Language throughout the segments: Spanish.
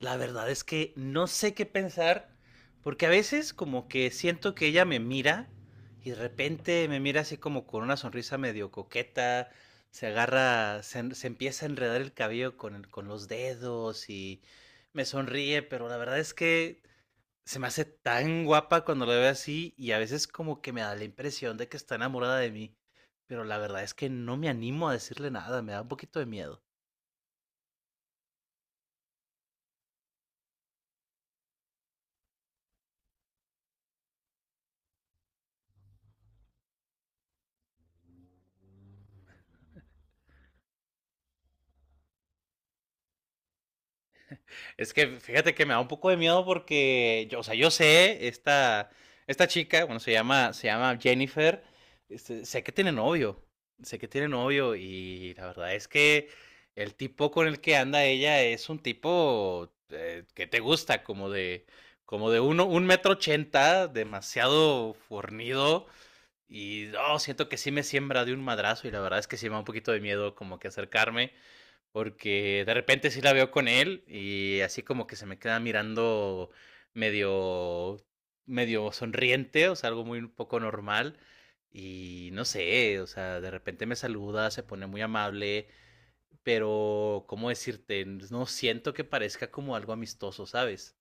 La verdad es que no sé qué pensar, porque a veces como que siento que ella me mira y de repente me mira así como con una sonrisa medio coqueta, se agarra, se empieza a enredar el cabello con los dedos y me sonríe, pero la verdad es que se me hace tan guapa cuando la veo así y a veces como que me da la impresión de que está enamorada de mí, pero la verdad es que no me animo a decirle nada, me da un poquito de miedo. Es que fíjate que me da un poco de miedo porque, yo, o sea, yo sé, esta chica, bueno, se llama Jennifer, sé que tiene novio, y la verdad es que el tipo con el que anda ella es un tipo que te gusta, como de 1,80 m, demasiado fornido y oh, siento que sí me siembra de un madrazo y la verdad es que sí me da un poquito de miedo como que acercarme porque de repente sí la veo con él y así como que se me queda mirando medio, medio sonriente, o sea, algo muy un poco normal. Y no sé, o sea, de repente me saluda, se pone muy amable, pero ¿cómo decirte? No siento que parezca como algo amistoso, ¿sabes?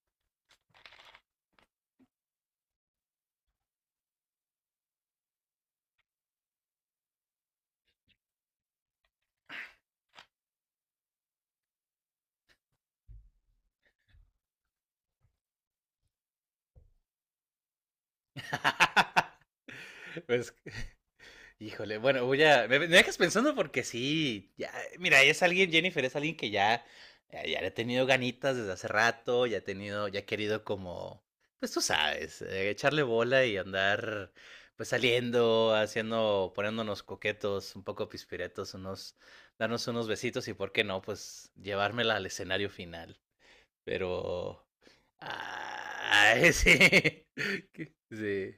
Pues, híjole, bueno, voy a. Me dejas pensando porque sí. Ya, mira, es alguien, Jennifer, es alguien que ya, ya le ha tenido ganitas desde hace rato, ya ha tenido, ya ha querido como, pues tú sabes, echarle bola y andar pues saliendo, haciendo, poniéndonos coquetos, un poco pispiretos, unos, darnos unos besitos y por qué no, pues llevármela al escenario final. Pero. Ay, sí. Sí.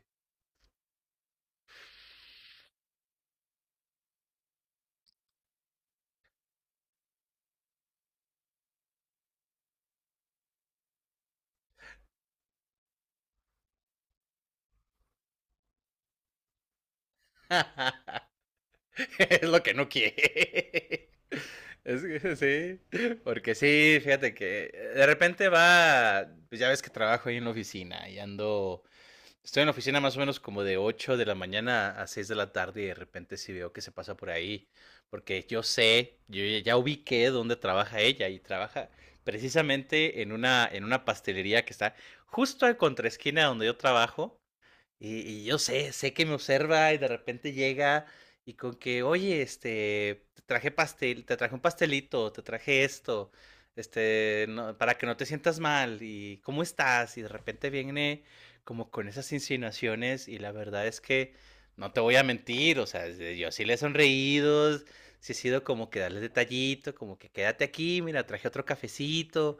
Es lo que no quiere. Es que sí, porque sí, fíjate que de repente va, pues ya ves que trabajo ahí en la oficina y ando, estoy en la oficina más o menos como de 8 de la mañana a 6 de la tarde y de repente sí veo que se pasa por ahí, porque yo sé, yo ya ubiqué dónde trabaja ella y trabaja precisamente en una pastelería que está justo al contraesquina donde yo trabajo y yo sé, sé que me observa y de repente llega y con que: "Oye, te traje pastel te traje un pastelito, te traje esto, no para que no te sientas mal, y ¿cómo estás?". Y de repente viene como con esas insinuaciones, y la verdad es que no te voy a mentir, o sea, de yo sí le he sonreído, sí he sido como que darle detallito, como que: "Quédate aquí, mira, traje otro cafecito",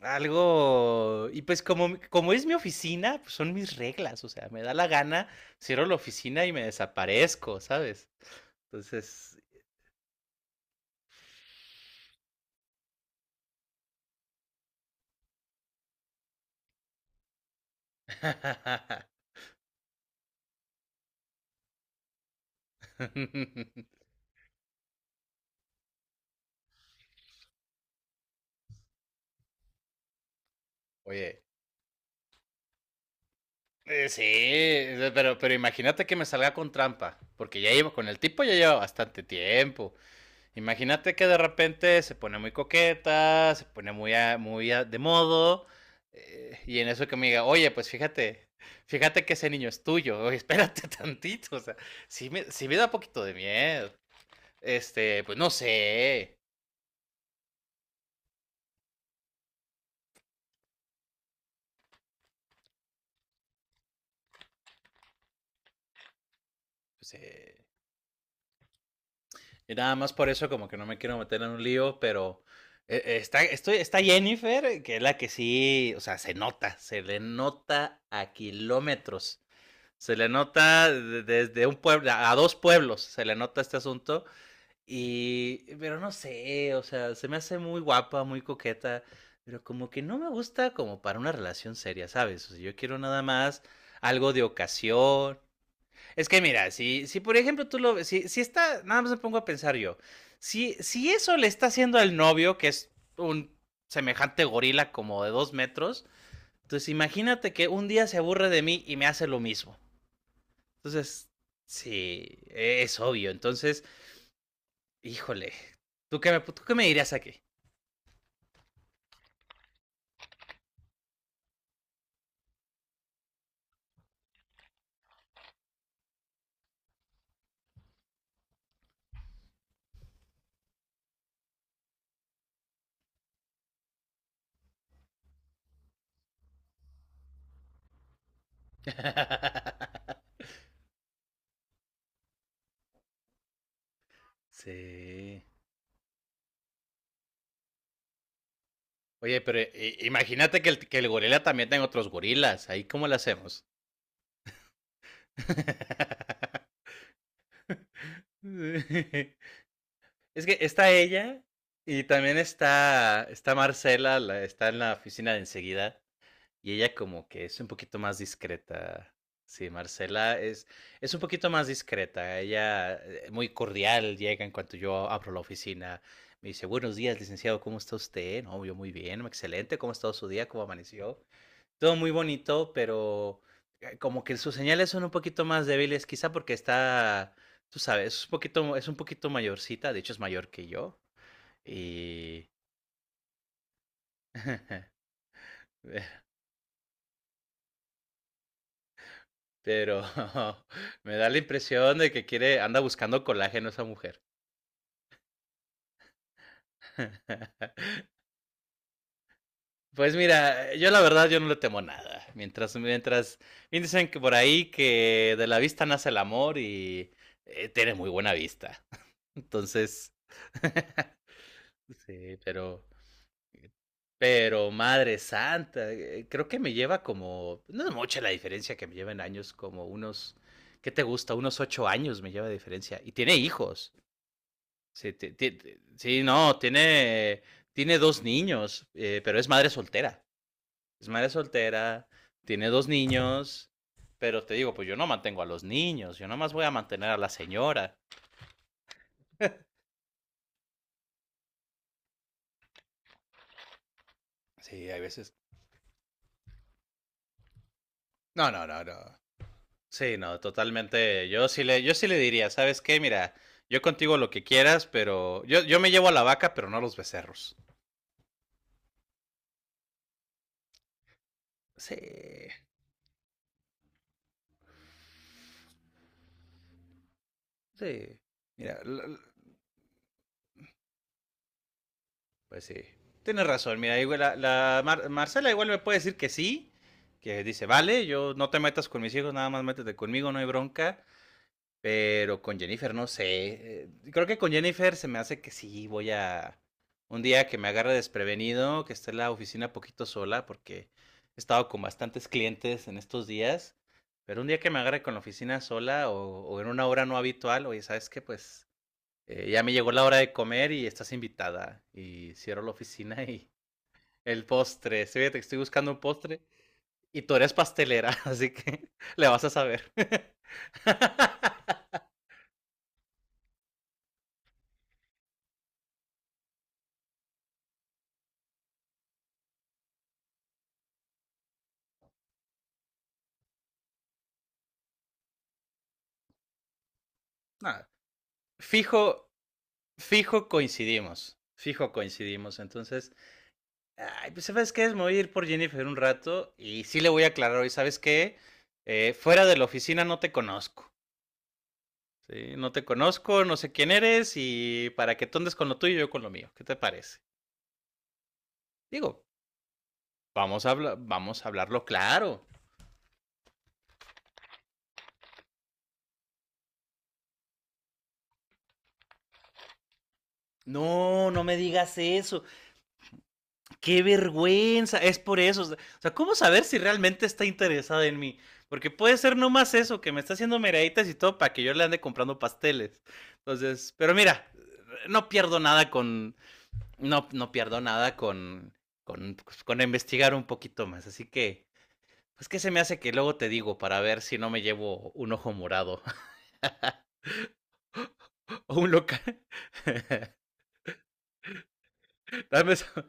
algo. Y pues, como, como es mi oficina, pues son mis reglas. O sea, me da la gana, cierro la oficina y me desaparezco, ¿sabes? Entonces. Oye. Sí, pero, imagínate que me salga con trampa. Porque ya llevo, con el tipo ya lleva bastante tiempo. Imagínate que de repente se pone muy coqueta, se pone muy, de modo, y en eso que me diga, oye, pues fíjate, que ese niño es tuyo, oye, espérate tantito, o sea, sí me da poquito de miedo. Este, pues no sé, pues, y nada más por eso como que no me quiero meter en un lío, pero está Jennifer, que es la que sí, o sea, se nota, se le nota a kilómetros. Se le nota desde un pueblo, a dos pueblos se le nota este asunto. Y, pero no sé, o sea, se me hace muy guapa, muy coqueta, pero como que no me gusta como para una relación seria, ¿sabes? O sea, yo quiero nada más algo de ocasión. Es que mira, si por ejemplo tú lo, ves, si está, nada más me pongo a pensar yo, si eso le está haciendo al novio, que es un semejante gorila como de 2 metros, entonces imagínate que un día se aburre de mí y me hace lo mismo. Entonces, sí, es obvio. Entonces, híjole, ¿tú qué me dirías aquí? Sí. Oye, pero imagínate que el gorila también tenga otros gorilas. Ahí, ¿cómo lo hacemos? Es que está ella y también está Marcela, está en la oficina de enseguida. Y ella como que es un poquito más discreta. Sí, Marcela es un poquito más discreta. Ella muy cordial llega en cuanto yo abro la oficina. Me dice, buenos días, licenciado, ¿cómo está usted? No, yo muy bien, excelente, ¿cómo ha estado su día? ¿Cómo amaneció? Todo muy bonito, pero como que sus señales son un poquito más débiles, quizá porque está, tú sabes, es un poquito mayorcita, de hecho es mayor que yo. Y Pero me da la impresión de que quiere, anda buscando colágeno esa mujer. Pues mira, yo la verdad yo no le temo nada. Bien dicen que por ahí que de la vista nace el amor y tiene muy buena vista. Entonces, sí, pero, madre santa, creo que me lleva como, no es mucha la diferencia que me lleva en años, como unos, ¿qué te gusta? Unos 8 años me lleva de diferencia. Y tiene hijos. Sí, sí, no, tiene, dos niños, pero es madre soltera. Es madre soltera, tiene dos niños, pero te digo, pues yo no mantengo a los niños, yo nomás voy a mantener a la señora. Sí, hay veces. No, no, no, no. Sí, no, totalmente. Yo sí le diría, ¿sabes qué? Mira, yo contigo lo que quieras, pero yo, me llevo a la vaca, pero no a los becerros. Sí, sí. Mira, pues sí. Tienes razón, mira, igual la, la Marcela igual me puede decir que sí, que dice, vale, yo no te metas con mis hijos, nada más métete conmigo, no hay bronca, pero con Jennifer no sé. Creo que con Jennifer se me hace que sí, voy a un día que me agarre desprevenido, que esté en la oficina poquito sola, porque he estado con bastantes clientes en estos días, pero un día que me agarre con la oficina sola o en una hora no habitual, oye, ¿sabes qué? Pues ya me llegó la hora de comer y estás invitada. Y cierro la oficina y el postre. Sí, fíjate que estoy buscando un postre y tú eres pastelera, así que le vas a saber. Nada, fijo, fijo coincidimos. Fijo coincidimos. Entonces, ay, pues sabes qué, me voy a ir por Jennifer un rato y sí le voy a aclarar hoy, ¿sabes qué? Fuera de la oficina no te conozco. ¿Sí? No te conozco, no sé quién eres y para que tú andes con lo tuyo y yo con lo mío. ¿Qué te parece? Digo, vamos a, vamos a hablarlo claro. No, no me digas eso. Qué vergüenza. Es por eso. O sea, ¿cómo saber si realmente está interesada en mí? Porque puede ser nomás eso, que me está haciendo meraditas y todo para que yo le ande comprando pasteles. Entonces, pero mira, no pierdo nada con. No, no pierdo nada con, con, pues, con investigar un poquito más. Así que. Pues que se me hace que luego te digo para ver si no me llevo un ojo morado o un local. Dame esa.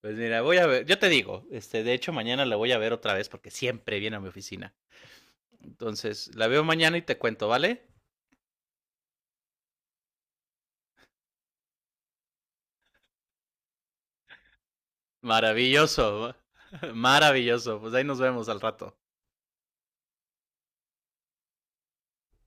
Pues mira, voy a ver, yo te digo, de hecho mañana la voy a ver otra vez porque siempre viene a mi oficina. Entonces, la veo mañana y te cuento, ¿vale? Maravilloso, maravilloso. Pues ahí nos vemos al rato.